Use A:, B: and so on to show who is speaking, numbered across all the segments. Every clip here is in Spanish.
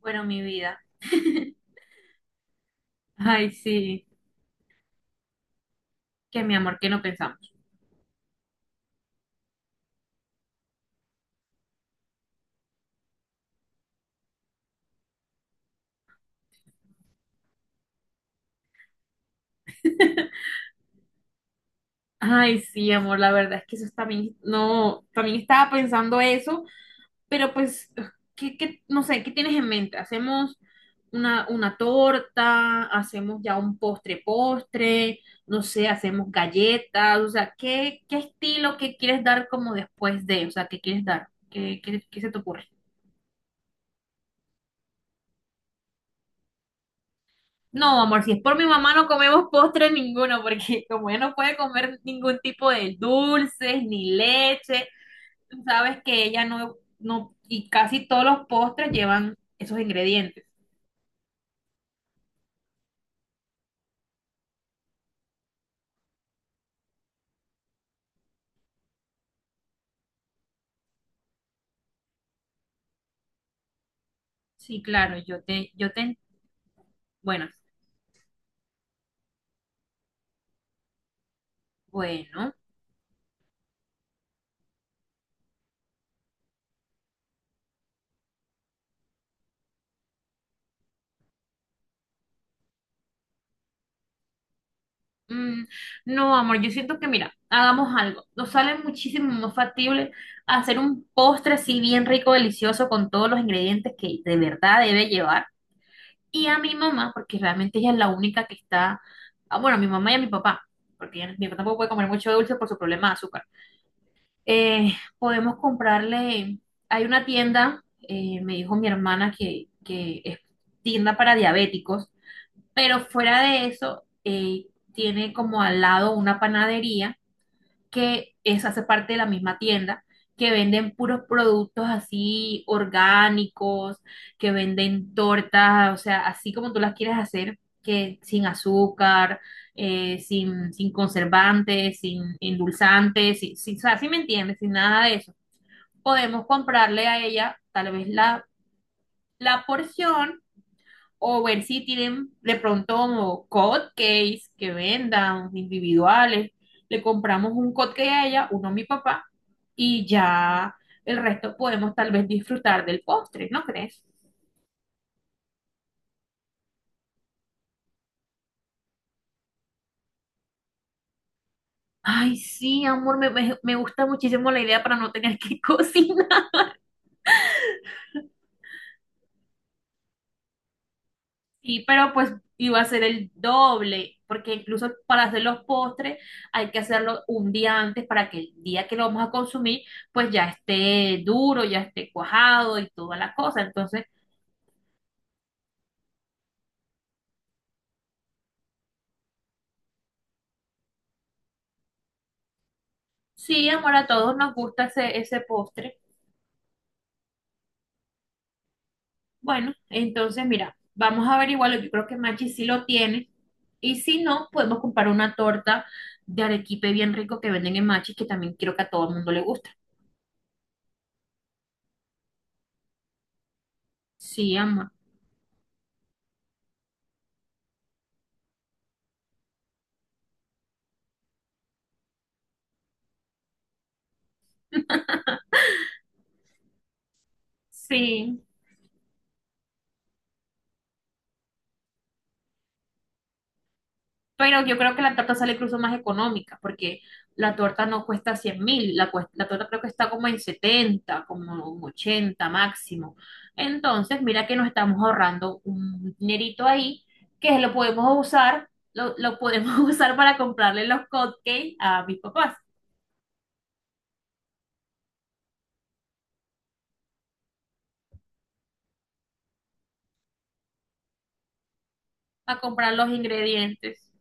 A: Bueno, mi vida. Ay, sí. Que mi amor, que no pensamos. Ay, sí, amor, la verdad es que eso también, no, también estaba pensando eso, pero pues, no sé, ¿qué tienes en mente? ¿Hacemos una torta? ¿Hacemos ya un postre postre? No sé, ¿hacemos galletas? O sea, ¿qué estilo que quieres dar como después de? O sea, ¿qué quieres dar? ¿Qué se te ocurre? No, amor, si es por mi mamá no comemos postre ninguno, porque como ella no puede comer ningún tipo de dulces ni leche, tú sabes que ella no, no, y casi todos los postres llevan esos ingredientes. Sí, claro, yo te, bueno, bueno. mm, no, amor, yo siento que mira, hagamos algo. Nos sale muchísimo más factible hacer un postre así bien rico, delicioso, con todos los ingredientes que de verdad debe llevar y a mi mamá, porque realmente ella es la única que está, ah, bueno, a mi mamá y a mi papá, porque mi papá tampoco puede comer mucho dulce por su problema de azúcar. Eh, Podemos comprarle, hay una tienda, me dijo mi hermana que es tienda para diabéticos, pero fuera de eso, tiene como al lado una panadería que es, hace parte de la misma tienda, que venden puros productos así orgánicos, que venden tortas, o sea, así como tú las quieres hacer, que sin azúcar, sin conservantes, sin endulzantes, o sea, si me entiendes, sin nada de eso. Podemos comprarle a ella tal vez la porción o ver si tienen de pronto como cupcakes que vendan individuales. Le compramos un cupcake a ella, uno a mi papá, y ya el resto podemos tal vez disfrutar del postre, ¿no crees? Ay, sí, amor, me gusta muchísimo la idea para no tener que cocinar. Sí, pero pues iba a ser el doble, porque incluso para hacer los postres hay que hacerlo un día antes para que el día que lo vamos a consumir pues ya esté duro, ya esté cuajado y toda la cosa. Entonces, sí, amor, a todos nos gusta ese postre. Bueno, entonces mira, vamos a averiguarlo. Yo creo que Machi sí lo tiene. Y si no, podemos comprar una torta de arequipe bien rico que venden en Machi, que también creo que a todo el mundo le gusta. Sí, amor. Sí. Pero yo creo que la torta sale incluso más económica, porque la torta no cuesta 100.000, la torta creo que está como en 70 como en 80 máximo. Entonces, mira que nos estamos ahorrando un dinerito ahí, que lo podemos usar, lo podemos usar para comprarle los cupcakes a mis papás, a comprar los ingredientes.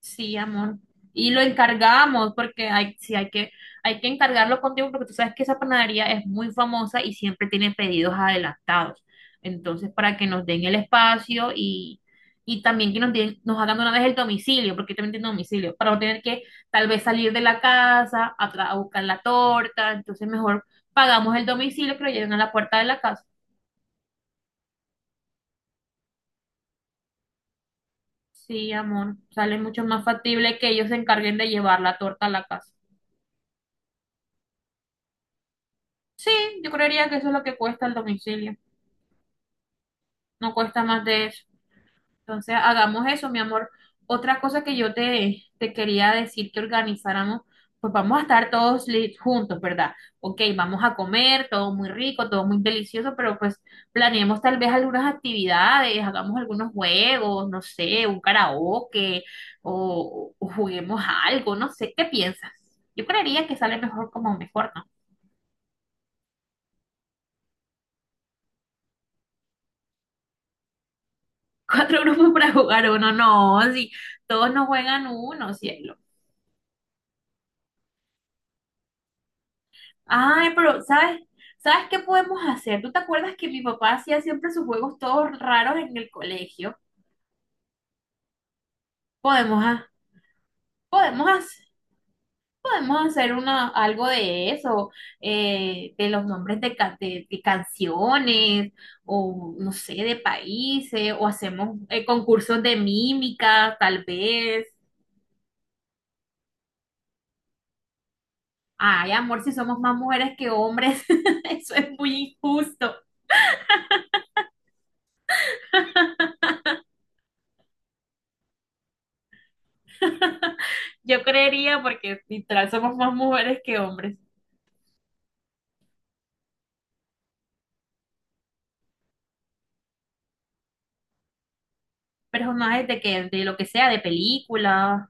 A: Sí, amor. Y lo encargamos porque sí, hay que encargarlo contigo porque tú sabes que esa panadería es muy famosa y siempre tiene pedidos adelantados. Entonces, para que nos den el espacio y, también que nos hagan de una vez el domicilio, porque también tiene domicilio, para no tener que tal vez salir de la casa a buscar la torta. Entonces, mejor pagamos el domicilio que lo lleven a la puerta de la casa. Sí, amor. Sale mucho más factible que ellos se encarguen de llevar la torta a la casa. Sí, yo creería que eso es lo que cuesta el domicilio, no cuesta más de eso. Entonces, hagamos eso, mi amor. Otra cosa que yo te quería decir que organizáramos, pues vamos a estar todos juntos, ¿verdad? Ok, vamos a comer, todo muy rico, todo muy delicioso, pero pues planeemos tal vez algunas actividades, hagamos algunos juegos, no sé, un karaoke o juguemos algo, no sé, ¿qué piensas? Yo creería que sale mejor como mejor, ¿no? Cuatro grupos para jugar uno, no, si todos no juegan uno, cielo. Ay, pero ¿sabes? ¿Sabes qué podemos hacer? ¿Tú te acuerdas que mi papá hacía siempre sus juegos todos raros en el colegio? Podemos, ha- podemos, hac- podemos hacer algo de eso, de los nombres de canciones, o no sé, de países, o hacemos concursos de mímica, tal vez. Ay, amor, si somos más mujeres que hombres, eso es muy injusto. Yo creería porque literal somos más mujeres que hombres. Pero personajes de que, de lo que sea, de películas.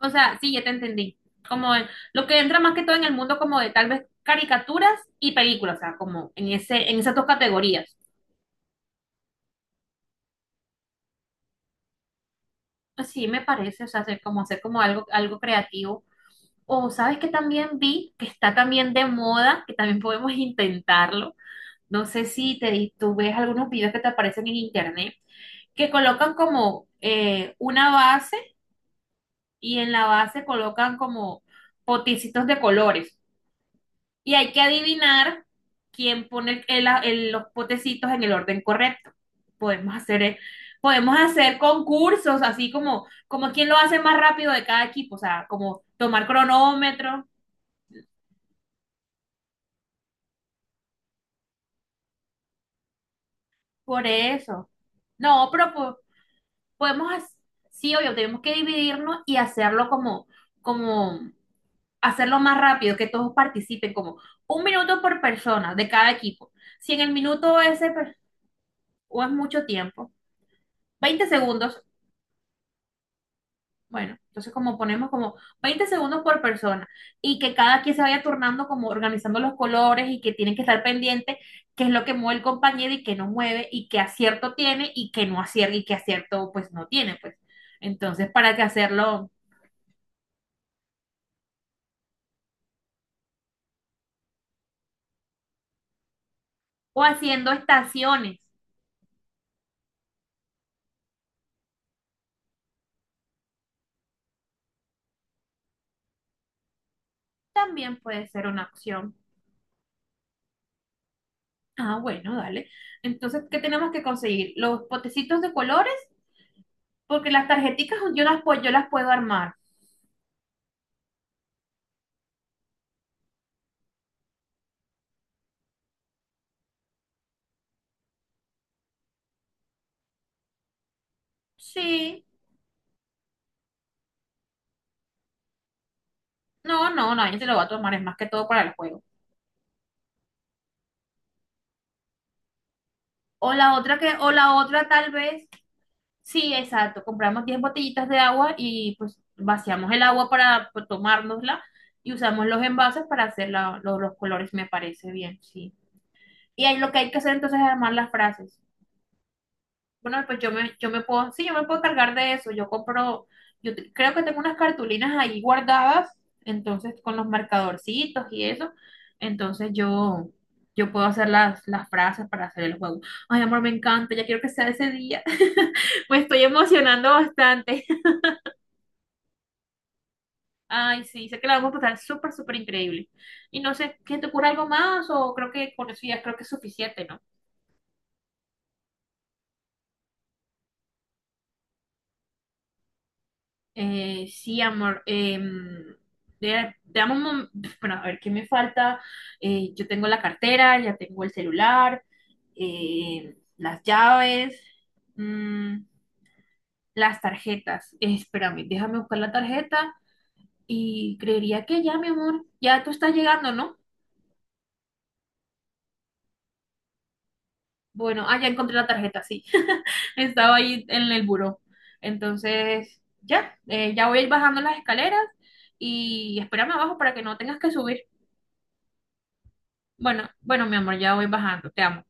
A: O sea, sí, ya te entendí. Como el- lo que entra más que todo en el mundo como de tal vez caricaturas y películas, o sea, como en esas dos categorías. Pues sí, me parece, o sea, hacer como algo creativo. O sabes que también vi que está también de moda, que también podemos intentarlo. No sé si tú ves algunos videos que te aparecen en internet que colocan como una base y en la base colocan como potecitos de colores. Y hay que adivinar quién pone los potecitos en el orden correcto. Podemos hacer, eh, podemos hacer concursos, así como quién lo hace más rápido de cada equipo, o sea, como tomar cronómetro, por eso. No, pero podemos, hac- sí, obvio, tenemos que dividirnos y hacerlo como hacerlo más rápido, que todos participen, como 1 minuto por persona de cada equipo. Si en el minuto ese o es mucho tiempo, 20 segundos, bueno, entonces como ponemos como 20 segundos por persona y que cada quien se vaya turnando como organizando los colores y que tienen que estar pendiente qué es lo que mueve el compañero y qué no mueve y qué acierto tiene y qué no acierta y qué acierto pues no tiene, pues. Entonces, para que hacerlo o haciendo estaciones también puede ser una opción. Ah, bueno, dale. Entonces, ¿qué tenemos que conseguir? Los potecitos de colores, porque las tarjeticas yo las puedo armar. Sí. No, no, nadie se lo va a tomar, es más que todo para el juego. O la otra tal vez, sí, exacto, compramos 10 botellitas de agua y pues vaciamos el agua para pues, tomárnosla y usamos los envases para hacer los colores, me parece bien, sí. Y ahí lo que hay que hacer entonces es armar las frases. Bueno, pues yo me puedo cargar de eso. Yo compro, creo que tengo unas cartulinas ahí guardadas, entonces con los marcadorcitos y eso. Entonces yo puedo hacer las frases para hacer el juego. Ay, amor, me encanta, ya quiero que sea ese día. Me estoy emocionando bastante. Ay, sí, sé que la vamos a pasar súper, súper increíble. Y no sé, ¿qué te ocurre algo más? O creo que con eso ya creo que es suficiente, ¿no? Sí, amor. Dame bueno, a ver qué me falta. Yo tengo la cartera, ya tengo el celular, las llaves, mm, las tarjetas. Espérame, déjame buscar la tarjeta y creería que ya, mi amor, ya tú estás llegando, ¿no? Bueno, ah, ya encontré la tarjeta, sí. Estaba ahí en el buró. Entonces, ya voy a ir bajando las escaleras y espérame abajo para que no tengas que subir. Bueno, bueno, mi amor, ya voy bajando. Te amo.